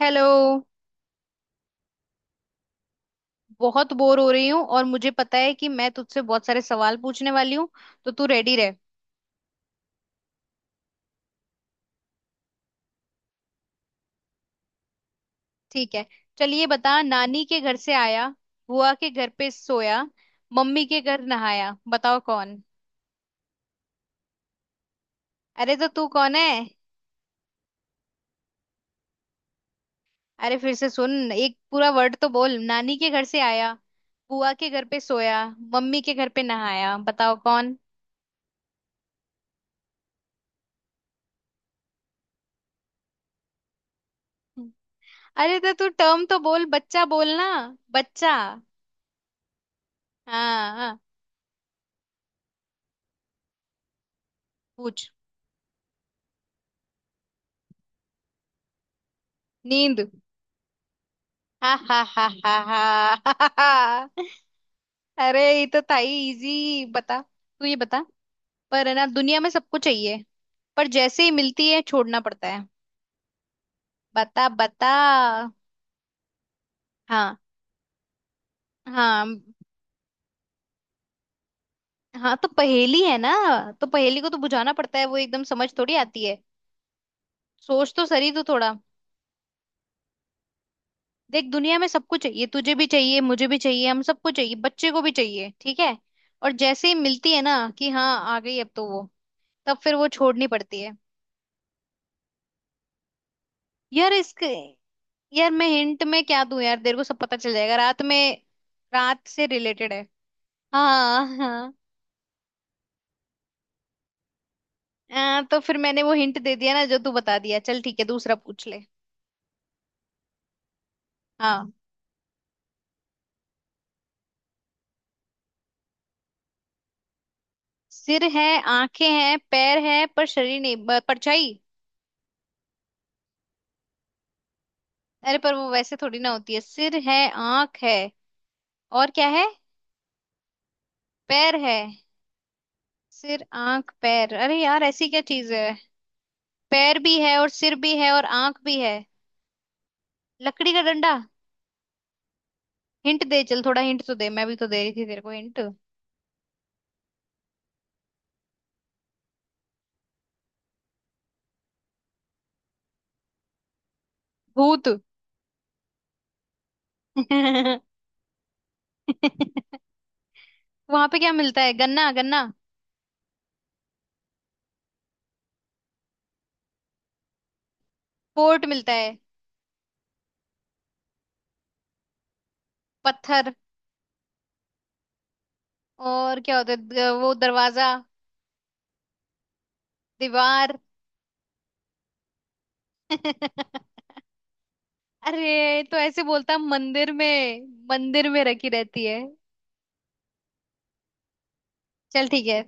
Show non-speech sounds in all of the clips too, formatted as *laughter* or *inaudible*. Hello. बहुत bore हो रही हूँ और मुझे पता है कि मैं तुझसे बहुत सारे सवाल पूछने वाली हूँ, तो तू रेडी रह। ठीक है, चलिए बता। नानी के घर से आया, बुआ के घर पे सोया, मम्मी के घर नहाया, बताओ कौन। अरे तो तू कौन है? अरे फिर से सुन, एक पूरा वर्ड तो बोल। नानी के घर से आया, बुआ के घर पे सोया, मम्मी के घर पे नहाया, बताओ कौन। अरे तो तू टर्म तो बोल, बच्चा बोलना बच्चा। हाँ हाँ, पूछ। नींद। *laughs* हा हा हा हा हा। अरे ये तो था ही इजी, बता। तू ये बता, पर है ना दुनिया में सबको चाहिए, पर जैसे ही मिलती है छोड़ना पड़ता है। बता बता। हाँ। हाँ, हाँ तो पहेली है ना, तो पहेली को तो बुझाना पड़ता है, वो एकदम समझ थोड़ी आती है, सोच तो सही तो थोड़ा। देख, दुनिया में सबको चाहिए, तुझे भी चाहिए, मुझे भी चाहिए, हम सबको चाहिए, बच्चे को भी चाहिए, ठीक है। और जैसे ही मिलती है ना कि हाँ आ गई अब तो वो, तब फिर वो छोड़नी पड़ती है। यार इसके, यार मैं हिंट में क्या दूं यार, तेरे को सब पता चल जाएगा रात में। रात से रिलेटेड है। हाँ हाँ। तो फिर मैंने वो हिंट दे दिया ना, जो तू बता दिया। चल ठीक है, दूसरा पूछ ले। हाँ। सिर है, आंखें हैं, पैर है, पर शरीर नहीं। परछाई। अरे पर वो वैसे थोड़ी ना होती है, सिर है, आंख है, और क्या है? पैर है, सिर, आंख, पैर, अरे यार ऐसी क्या चीज है? पैर भी है और सिर भी है और आंख भी है। लकड़ी का डंडा। हिंट दे, चल थोड़ा हिंट तो दे, मैं भी तो दे रही थी तेरे को हिंट। भूत। *laughs* वहां पे क्या मिलता है? गन्ना गन्ना। पोर्ट मिलता है। पत्थर। और क्या होता है, वो दरवाजा। दीवार। *laughs* अरे तो ऐसे बोलता, मंदिर में। मंदिर में रखी रहती है। चल ठीक है।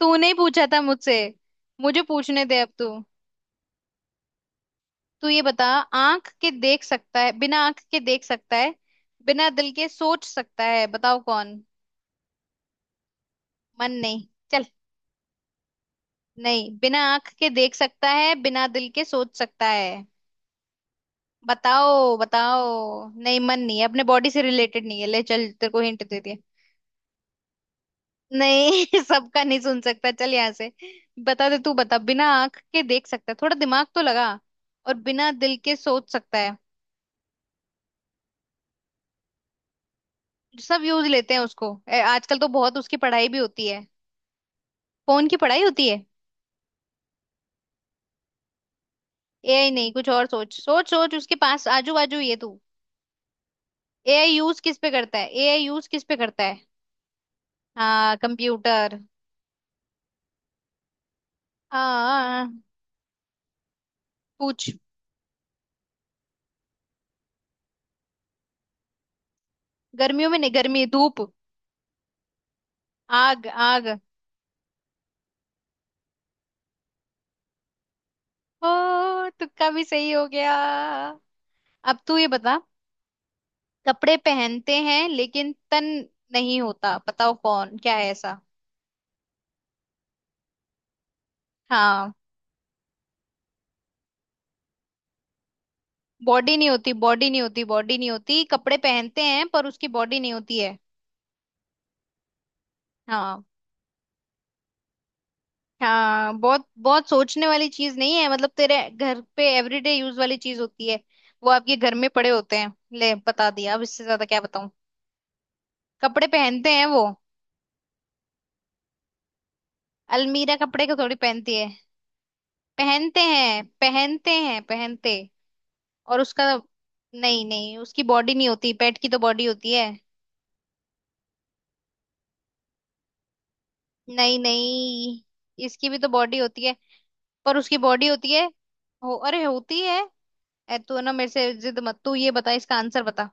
तूने ही पूछा था मुझसे, मुझे पूछने दे अब तू। तू ये बता, आंख के देख सकता है, बिना आंख के देख सकता है, बिना दिल के सोच सकता है, बताओ कौन। मन नहीं, चल। नहीं, बिना आंख के देख सकता है, बिना दिल के सोच सकता है, बताओ बताओ। नहीं मन नहीं है, अपने बॉडी से रिलेटेड नहीं है, ले चल, तेरे को हिंट दे दिया। नहीं *laughs* सबका नहीं सुन सकता, चल यहाँ से। बता दे, तू बता, बिना आंख के देख सकता है, थोड़ा दिमाग तो लगा, और बिना दिल के सोच सकता है। सब यूज लेते हैं उसको, आजकल तो बहुत उसकी पढ़ाई भी होती है। फोन की पढ़ाई होती है? एआई नहीं, कुछ और सोच सोच सोच, उसके पास आजू बाजू ये तू। एआई यूज किस पे करता है? एआई यूज किस पे करता है? हाँ कंप्यूटर। हाँ, पूछ। गर्मियों में नहीं, गर्मी, धूप। आग आग। ओ तुक्का भी सही हो गया। अब तू ये बता, कपड़े पहनते हैं लेकिन तन नहीं होता, बताओ कौन, क्या है ऐसा। हाँ। बॉडी नहीं होती, बॉडी नहीं होती, बॉडी नहीं होती, कपड़े पहनते हैं पर उसकी बॉडी नहीं होती है। हाँ। हाँ, बहुत बहुत सोचने वाली चीज नहीं है, मतलब तेरे घर पे एवरीडे यूज वाली चीज होती है। वो आपके घर में पड़े होते हैं, ले बता दिया, अब इससे ज्यादा क्या बताऊं, कपड़े पहनते हैं वो। अलमीरा कपड़े को थोड़ी पहनती है। पहनते हैं, पहनते हैं, पहनते। और उसका। नहीं नहीं, उसकी बॉडी नहीं होती, पेट की तो बॉडी होती है। नहीं नहीं, इसकी भी तो बॉडी होती है। पर उसकी बॉडी होती है, हो अरे होती है। तू ना मेरे से जिद मत, तू ये बता इसका आंसर बता।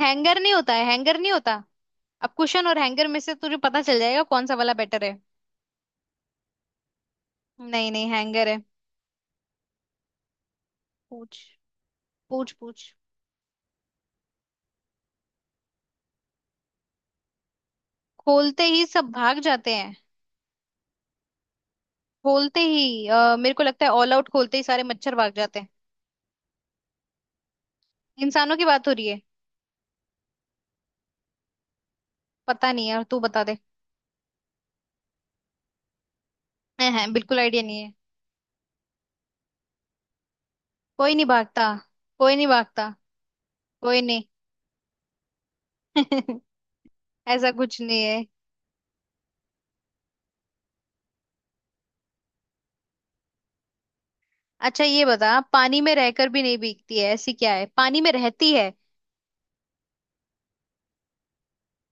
हैंगर, नहीं होता है हैंगर, नहीं होता। अब कुशन और हैंगर में से तुझे पता चल जाएगा कौन सा वाला बेटर है। नहीं नहीं हैंगर है। पूछ पूछ पूछ। खोलते ही सब भाग जाते हैं? खोलते ही मेरे को लगता है ऑल आउट खोलते ही सारे मच्छर भाग जाते हैं। इंसानों की बात हो रही है? पता नहीं है, और तू बता दे। है बिल्कुल आइडिया नहीं है। कोई नहीं भागता। कोई नहीं भागता। कोई नहीं। *laughs* ऐसा कुछ नहीं है। अच्छा ये बता, पानी में रहकर भी नहीं भीगती है, ऐसी क्या है, पानी में रहती है।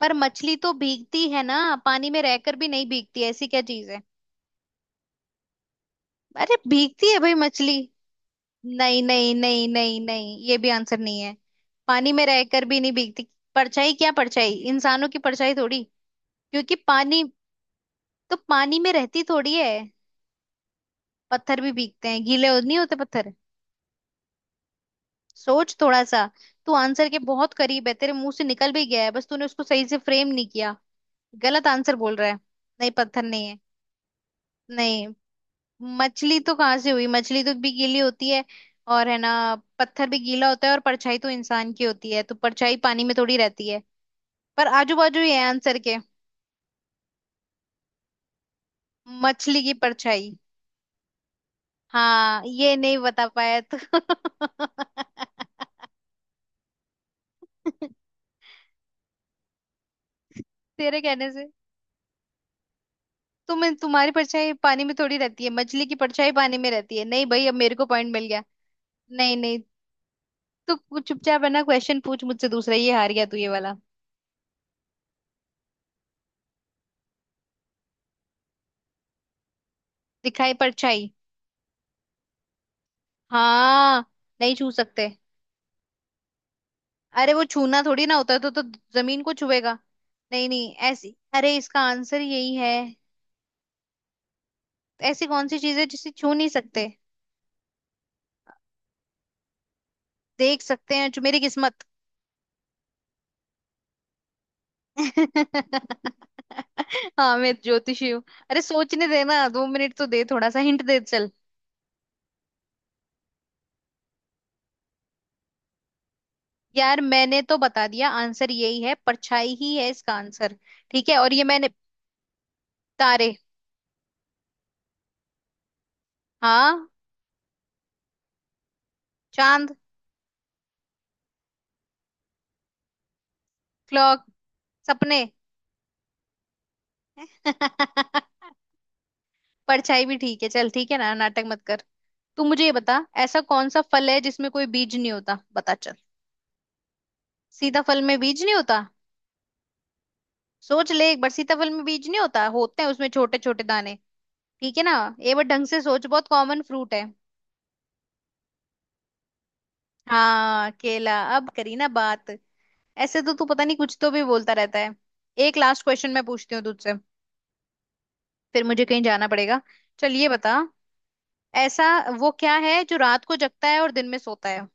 पर मछली तो भीगती है ना, पानी में रहकर भी नहीं भीगती ऐसी क्या चीज है? अरे भीगती है भाई मछली। नहीं नहीं नहीं नहीं नहीं, ये भी आंसर नहीं है, पानी में रहकर भी नहीं भीगती। परछाई क्या, परछाई इंसानों की परछाई थोड़ी, क्योंकि पानी तो पानी में रहती थोड़ी है। पत्थर भी भीगते हैं, नहीं होते पत्थर। सोच थोड़ा सा, तू आंसर के बहुत करीब है, तेरे मुंह से निकल भी गया है, बस तूने उसको सही से फ्रेम नहीं किया, गलत आंसर बोल रहा है। नहीं पत्थर नहीं है। नहीं, मछली तो कहाँ से हुई, मछली तो भी गीली होती है, और है ना, पत्थर भी गीला होता है, और परछाई तो इंसान की होती है तो परछाई पानी में थोड़ी रहती है, पर आजू बाजू ही है आंसर के। मछली की परछाई। हाँ ये नहीं बता पाया तू। *laughs* तेरे कहने से। तो मैं तुम्हारी परछाई पानी में थोड़ी रहती है, मछली की परछाई पानी में रहती है, नहीं भाई, अब मेरे को पॉइंट मिल गया। नहीं नहीं, तू कुछ चुपचाप है ना, क्वेश्चन पूछ मुझसे दूसरा, ये हार गया तू ये वाला। दिखाई परछाई। हाँ। नहीं छू सकते। अरे वो छूना थोड़ी ना होता है तो जमीन को छुएगा। नहीं नहीं ऐसी, अरे इसका आंसर यही है। ऐसी कौन सी चीज है जिसे छू नहीं सकते? देख सकते हैं जो मेरी किस्मत। *laughs* हाँ मैं ज्योतिषी हूँ। अरे सोचने देना, 2 मिनट तो दे, थोड़ा सा हिंट दे चल। यार मैंने तो बता दिया, आंसर यही है, परछाई ही है इसका आंसर। ठीक है, और ये मैंने। तारे। हाँ। चांद। क्लॉक। सपने। *laughs* परछाई भी ठीक है, चल ठीक है ना, नाटक मत कर। तू मुझे ये बता, ऐसा कौन सा फल है जिसमें कोई बीज नहीं होता, बता चल। सीताफल में बीज नहीं होता? सोच ले एक बार, सीताफल में बीज नहीं होता, होते हैं उसमें छोटे छोटे दाने, ठीक है ना, ये बार ढंग से सोच, बहुत कॉमन फ्रूट है। हाँ केला, अब करी ना बात, ऐसे तो तू पता नहीं कुछ तो भी बोलता रहता है। एक लास्ट क्वेश्चन मैं पूछती हूँ तुझसे, फिर मुझे कहीं जाना पड़ेगा, चल ये बता, ऐसा वो क्या है जो रात को जगता है और दिन में सोता है?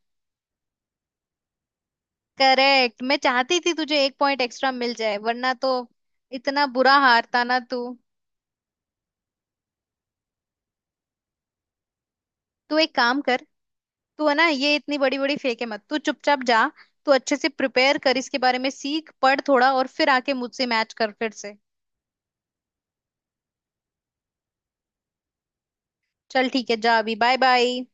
करेक्ट, मैं चाहती थी तुझे एक पॉइंट एक्स्ट्रा मिल जाए, वरना तो इतना बुरा हारता ना तू। तू एक काम कर, तू है ना ये इतनी बड़ी बड़ी फेंके मत, तू चुपचाप जा, तू अच्छे से प्रिपेयर कर इसके बारे में, सीख पढ़ थोड़ा और फिर आके मुझसे मैच कर फिर से। चल ठीक है, जा अभी, बाय बाय।